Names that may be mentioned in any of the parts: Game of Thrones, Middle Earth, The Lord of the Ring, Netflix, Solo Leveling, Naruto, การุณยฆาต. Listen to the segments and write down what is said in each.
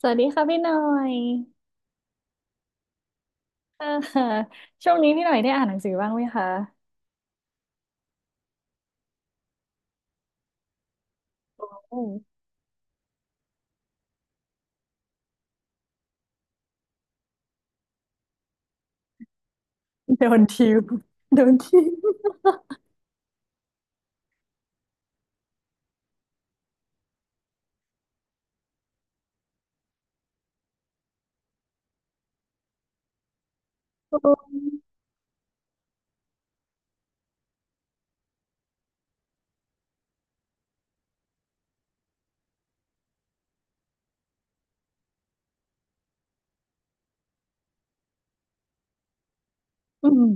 สวัสดีค่ะพี่หน่อย อ่าช่วงนี้พี่หน่อยได้อ่านหนังสือบ้างไหมคะโอ้โดนทิวโดนทิว โออืม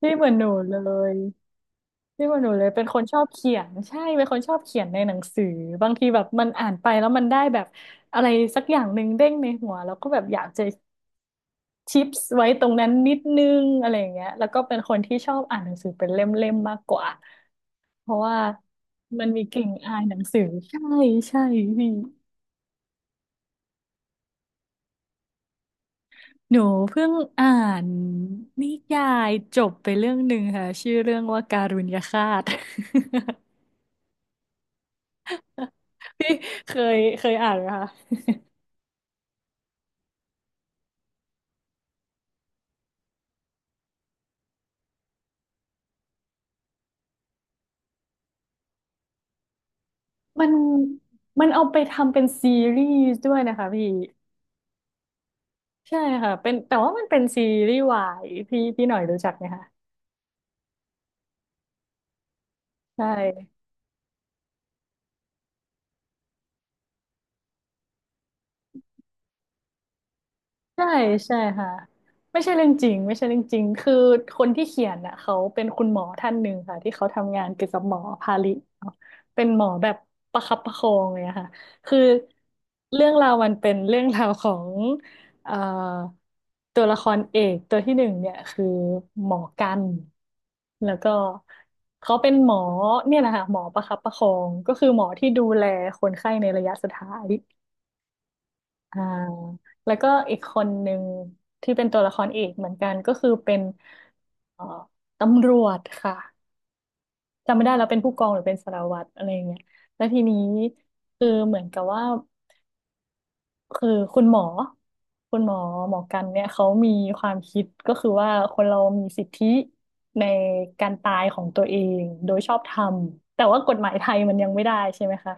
พี่เหมือนหนูเลยพี่เหมือนหนูเลยเป็นคนชอบเขียนใช่เป็นคนชอบเขียนในหนังสือบางทีแบบมันอ่านไปแล้วมันได้แบบอะไรสักอย่างหนึ่งเด้งในหัวแล้วก็แบบอยากจะชิปส์ไว้ตรงนั้นนิดนึงอะไรอย่างเงี้ยแล้วก็เป็นคนที่ชอบอ่านหนังสือเป็นเล่มๆมากกว่าเพราะว่ามันมีกลิ่นอายหนังสือใช่ใช่พี่ หนูเพิ่งอ่านนิยายจบไปเรื่องหนึ่งค่ะชื่อเรื่องว่าการุณยฆาต พี่เคเคยอ่านไหมคะมันมันเอาไปทำเป็นซีรีส์ด้วยนะคะพี่ใช่ค่ะเป็นแต่ว่ามันเป็นซีรีส์วายพี่หน่อยรู้จักไหมคะใช่ ใช่ใช่ค่ะไม่ใช่เรื่องจริงไม่ใช่เรื่องจริงคือคนที่เขียนน่ะเขาเป็นคุณหมอท่านหนึ่งค่ะที่เขาทำงานเกี่ยวกับหมอพาลิเนาะเป็นหมอแบบประคับประคองเลยอะค่ะคือเรื่องราวมันเป็นเรื่องราวของเอ่อตัวละครเอกตัวที่หนึ่งเนี่ยคือหมอกันแล้วก็เขาเป็นหมอเนี่ยนะคะหมอประคับประคองก็คือหมอที่ดูแลคนไข้ในระยะสุดท้าย อ่าแล้วก็อีกคนหนึ่งที่เป็นตัวละครเอกเหมือนกันก็คือเป็นเอ่อตำรวจค่ะจำไม่ได้แล้วเป็นผู้กองหรือเป็นสารวัตรอะไรอย่างเงี้ยแล้วทีนี้คือเหมือนกับว่า คือคุณหมอคุณหมอหมอกันเนี่ยเขามีความคิดก็คือว่าคนเรามีสิทธิในการตายของตัวเองโดยชอบธรรมแต่ว่ากฎหมายไทยมันยังไม่ได้ใช่ไหมคะ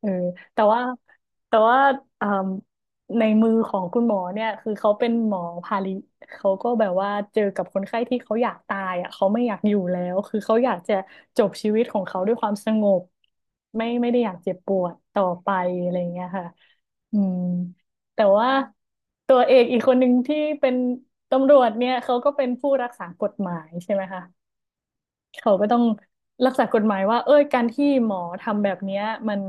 เออแต่ว่าแต่ว่าอ่าในมือของคุณหมอเนี่ยคือเขาเป็นหมอพาลิเขาก็แบบว่าเจอกับคนไข้ที่เขาอยากตายอ่ะเขาไม่อยากอยู่แล้วคือเขาอยากจะจบชีวิตของเขาด้วยความสงบไม่ได้อยากเจ็บปวดต่อไปอะไรอย่างเงี้ยค่ะอืม แต่ว่าตัวเอกอีกคนหนึ่งที่เป็นตำรวจเนี่ยเขาก็เป็นผู้รักษากฎหมายใช่ไหมคะ เขาก็ต้องรักษากฎหมายว่าเอ้ยการที่หมอทำแบบเนี้ยมัน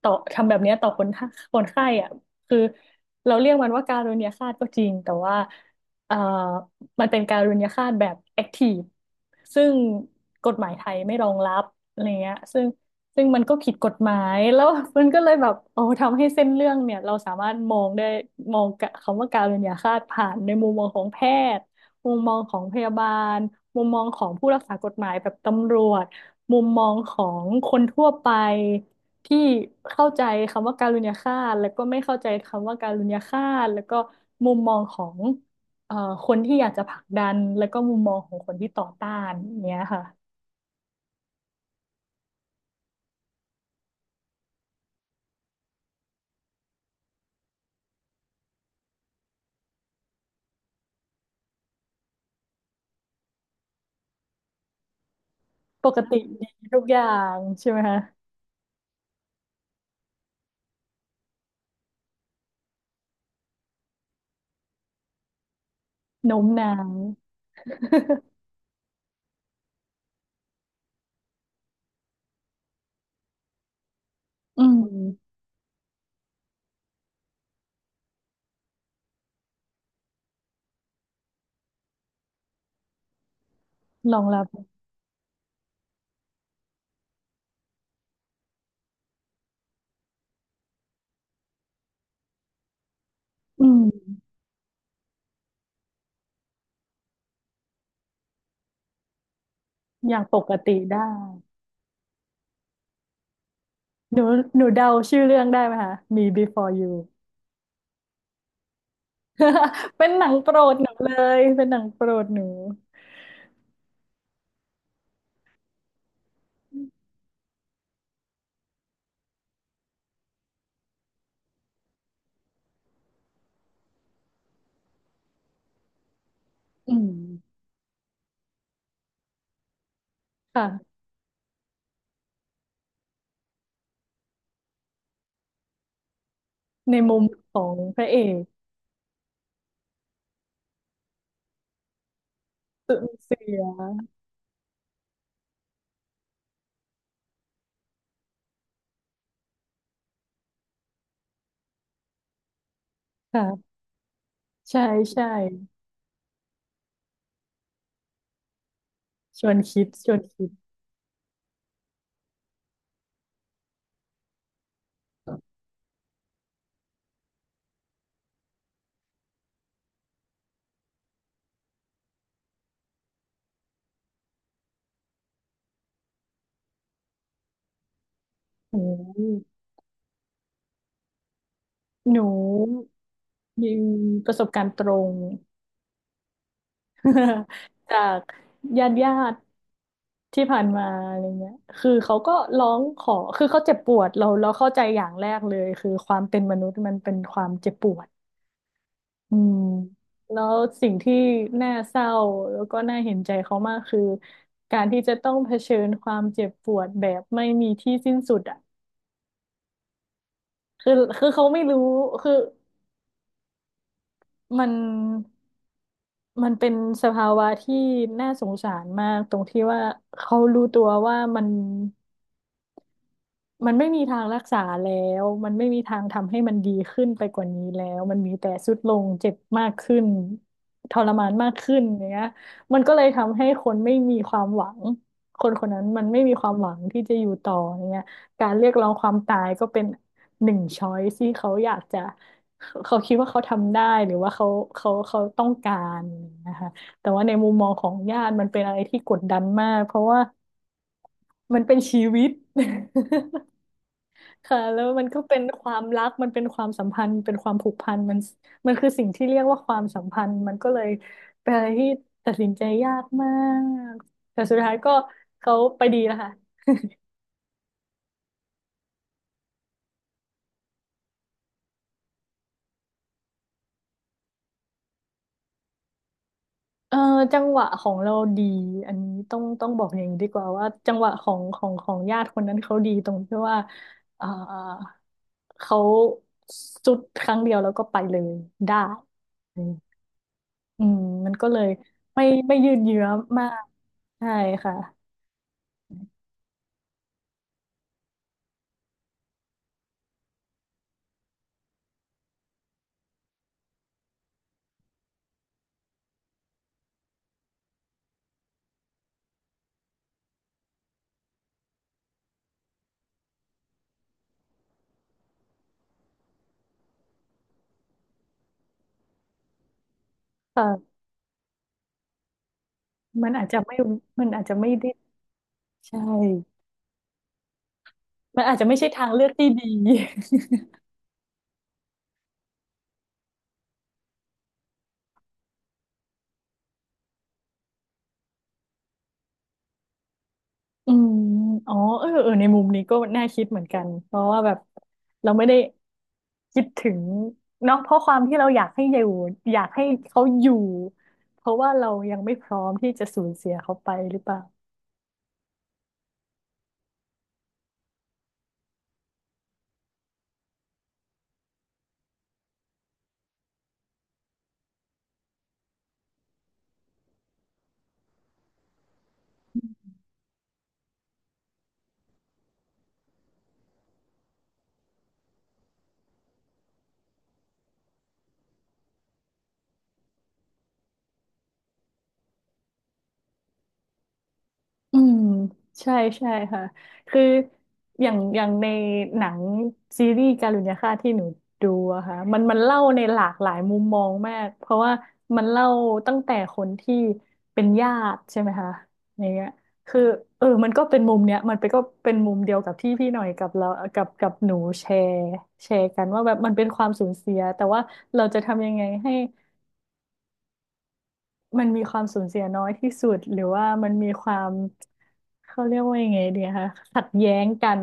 ต่อทำแบบเนี้ยต่อคนไข้คนไข้อ่ะคือเราเรียกมันว่าการุณยฆาตก็จริงแต่ว่าเอ่อมันเป็นการุณยฆาตแบบแอคทีฟซึ่งกฎหมายไทยไม่รองรับอะไรเงี้ยซึ่งมันก็ผิดกฎหมายแล้ว มันก็เลยแบบโอ้ทำให้เส้นเรื่องเนี่ยเราสามารถมองได้มองกะคำว่าการุณยฆาตผ่านในมุมมองของแพทย์ มุมมองของพยาบาล มุมมองของผู้รักษากฎหมายแบบตำรวจ มุมมองของคนทั่วไปที่เข้าใจคำว่าการุณยฆาตแล้วก็ไม่เข้าใจคำว่าการุณยฆาตแล้วก็มุมมองของเอ่อคนที่อยากจะผลักดันแล้วก็มุมมองของคนที่ต่อต้านอย่างเนี้ยค่ะปกติดีทุกอย่างใช่ไหมคะโน้มน้าว อืมรองรับอืมอย่างปกติได้ หนูหนูเดาชื่อเรื่องได้ไหมคะมี Before You เป็นหนังโปรดหนูเลยเป็นหนังโปรดหนูอืมค่ะในมุมของพระเอกสูญเสียค่ะใช่ใช่ชวนคิดชวนคิดโอ้ยหนูมีประสบการณ์ตรง จากญาติญาติที่ผ่านมาอะไรเงี้ยคือเขาก็ร้องขอคือเขาเจ็บปวดเราเข้าใจอย่างแรกเลยคือความเป็นมนุษย์มันเป็นความเจ็บปวด อืมแล้วสิ่งที่น่าเศร้าแล้วก็น่าเห็นใจเขามากคือการที่จะต้องเผชิญความเจ็บปวดแบบไม่มีที่สิ้นสุดอ่ะคือคือเขาไม่รู้คือมันมันเป็นสภาวะที่น่าสงสารมากตรงที่ว่าเขารู้ตัวว่ามัน มันไม่มีทางรักษาแล้ว มันไม่มีทางทำให้มันดีขึ้นไปกว่านี้แล้วมันมีแต่ทรุดลงเจ็บมากขึ้นทรมานมากขึ้นอย่างเงี้ยมันก็เลยทำให้คนไม่มีความหวังคนคนนั้นมันไม่มีความหวังที่จะอยู่ต่ออย่างเงี้ยการเรียกร้องความตายก็เป็นหนึ่งช้อยที่เขาอยากจะเขาคิดว่าเขาทำได้หรือว่าเขาเขาต้องการนะคะแต่ว่าในมุมมองของญาติมันเป็นอะไรที่กดดันมากเพราะว่ามันเป็นชีวิต ค่ะแล้วมันก็เป็นความรักมันเป็นความสัมพันธ์เป็นความผูกพันมันคือสิ่งที่เรียกว่าความสัมพันธ์มันก็เลยเป็นอะไรที่ตัดสินใจยากมากแต่สุดท้ายก็เขาไปดีแล้วค่ะเออจังหวะของเราดีอันนี้ต้องบอกอย่างนี้ดีกว่าว่าจังหวะของญาติคนนั้นเขาดีตรงที่ว่าเออเขาสุดครั้งเดียวแล้วก็ไปเลยได้อืมมันก็เลยไม่ยืดเยื้อมากใช่ค่ะ เอมันอาจจะไม่มันอาจจะไม่ได้ใช่มันอาจจะไม่ใช่ทางเลือกที่ดี อืมอ๋อเออในมุมนี้ก็น่าคิดเหมือนกัน เพราะว่าแบบเราไม่ได้คิดถึงเนาะเพราะความที่เราอยากให้อยู่อยากให้เขาอยู่เพราะว่าเรายังไม่พร้อมที่จะสูญเสียเขาไปหรือเปล่า อืมใช่ใช่ค่ะคืออย่างในหนังซีรีส์การุณยฆาตที่หนูดูอะค่ะมันเล่าในหลากหลายมุมมองมากเพราะว่ามันเล่าตั้งแต่คนที่เป็นญาติใช่ไหมคะอย่างเงี้ยคือเออมันก็เป็นมุมเนี้ยมันไปก็เป็นมุมเดียวกับที่พี่หน่อยกับเรากับหนูแชร์แชร์กันว่าแบบมันเป็นความสูญเสียแต่ว่าเราจะทำยังไงให้ มันมีความสูญเสียน้อยที่สุดหรือว่ามันมีความเขาเรียกว่ายังไงดีคะขัดแย้งกัน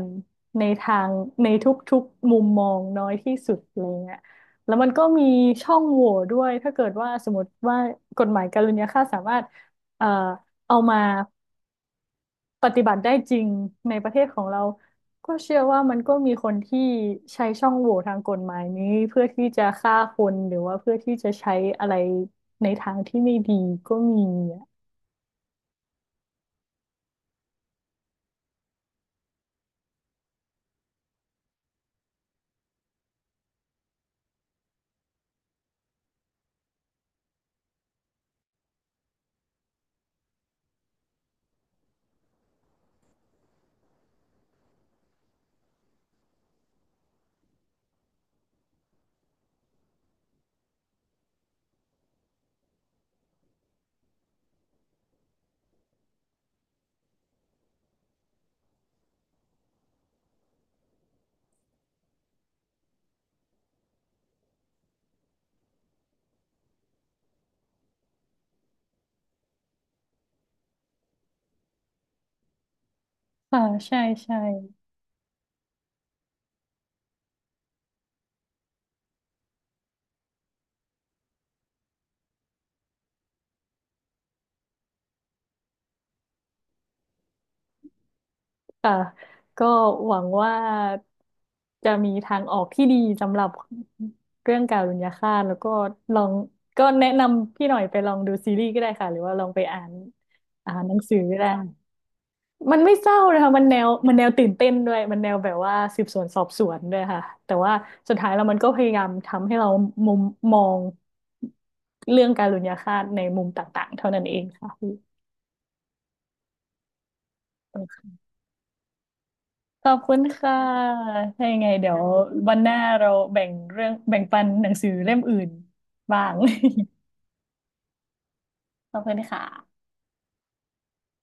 ในทางในทุกๆมุมมองน้อยที่สุดอะไรเงี้ยแล้วมันก็มีช่องโหว่ด้วยถ้าเกิดว่าสมมติว่ากฎหมายการุญยฆาตสามารถเอ่อเอามาปฏิบัติได้จริงในประเทศของเราก็เชื่อว่ามันก็มีคนที่ใช้ช่องโหว่ทางกฎหมายนี้เพื่อที่จะฆ่าคนหรือว่าเพื่อที่จะใช้อะไรในทางที่ไม่ดีก็มี ค่ะใช่ใช่ค่ะก็หวังว่าจะมีทางออกที่ดีสำหรับเรื่องการุญยฆาตแล้วก็ลองก็แนะนำพี่หน่อยไปลองดูซีรีส์ก็ได้ค่ะหรือว่าลองไปอ่านอ่านหนังสือก็ได้มันไม่เศร้านะคะมันแนวมันแนวตื่นเต้นด้วยมันแนวแบบว่าสืบสวนสอบสวนด้วยค่ะแต่ว่าสุดท้ายแล้วมันก็พยายามทำให้เรามุมมองเรื่องการุญยฆาตในมุมต่างๆเท่านั้นเองค่ะพี่ ขอบคุณค่ะถ้ายังไงเดี๋ยววันหน้าเราแบ่งเรื่องแบ่งปันหนังสือเล่มอื่นบ้าง ขอบคุณค่ะ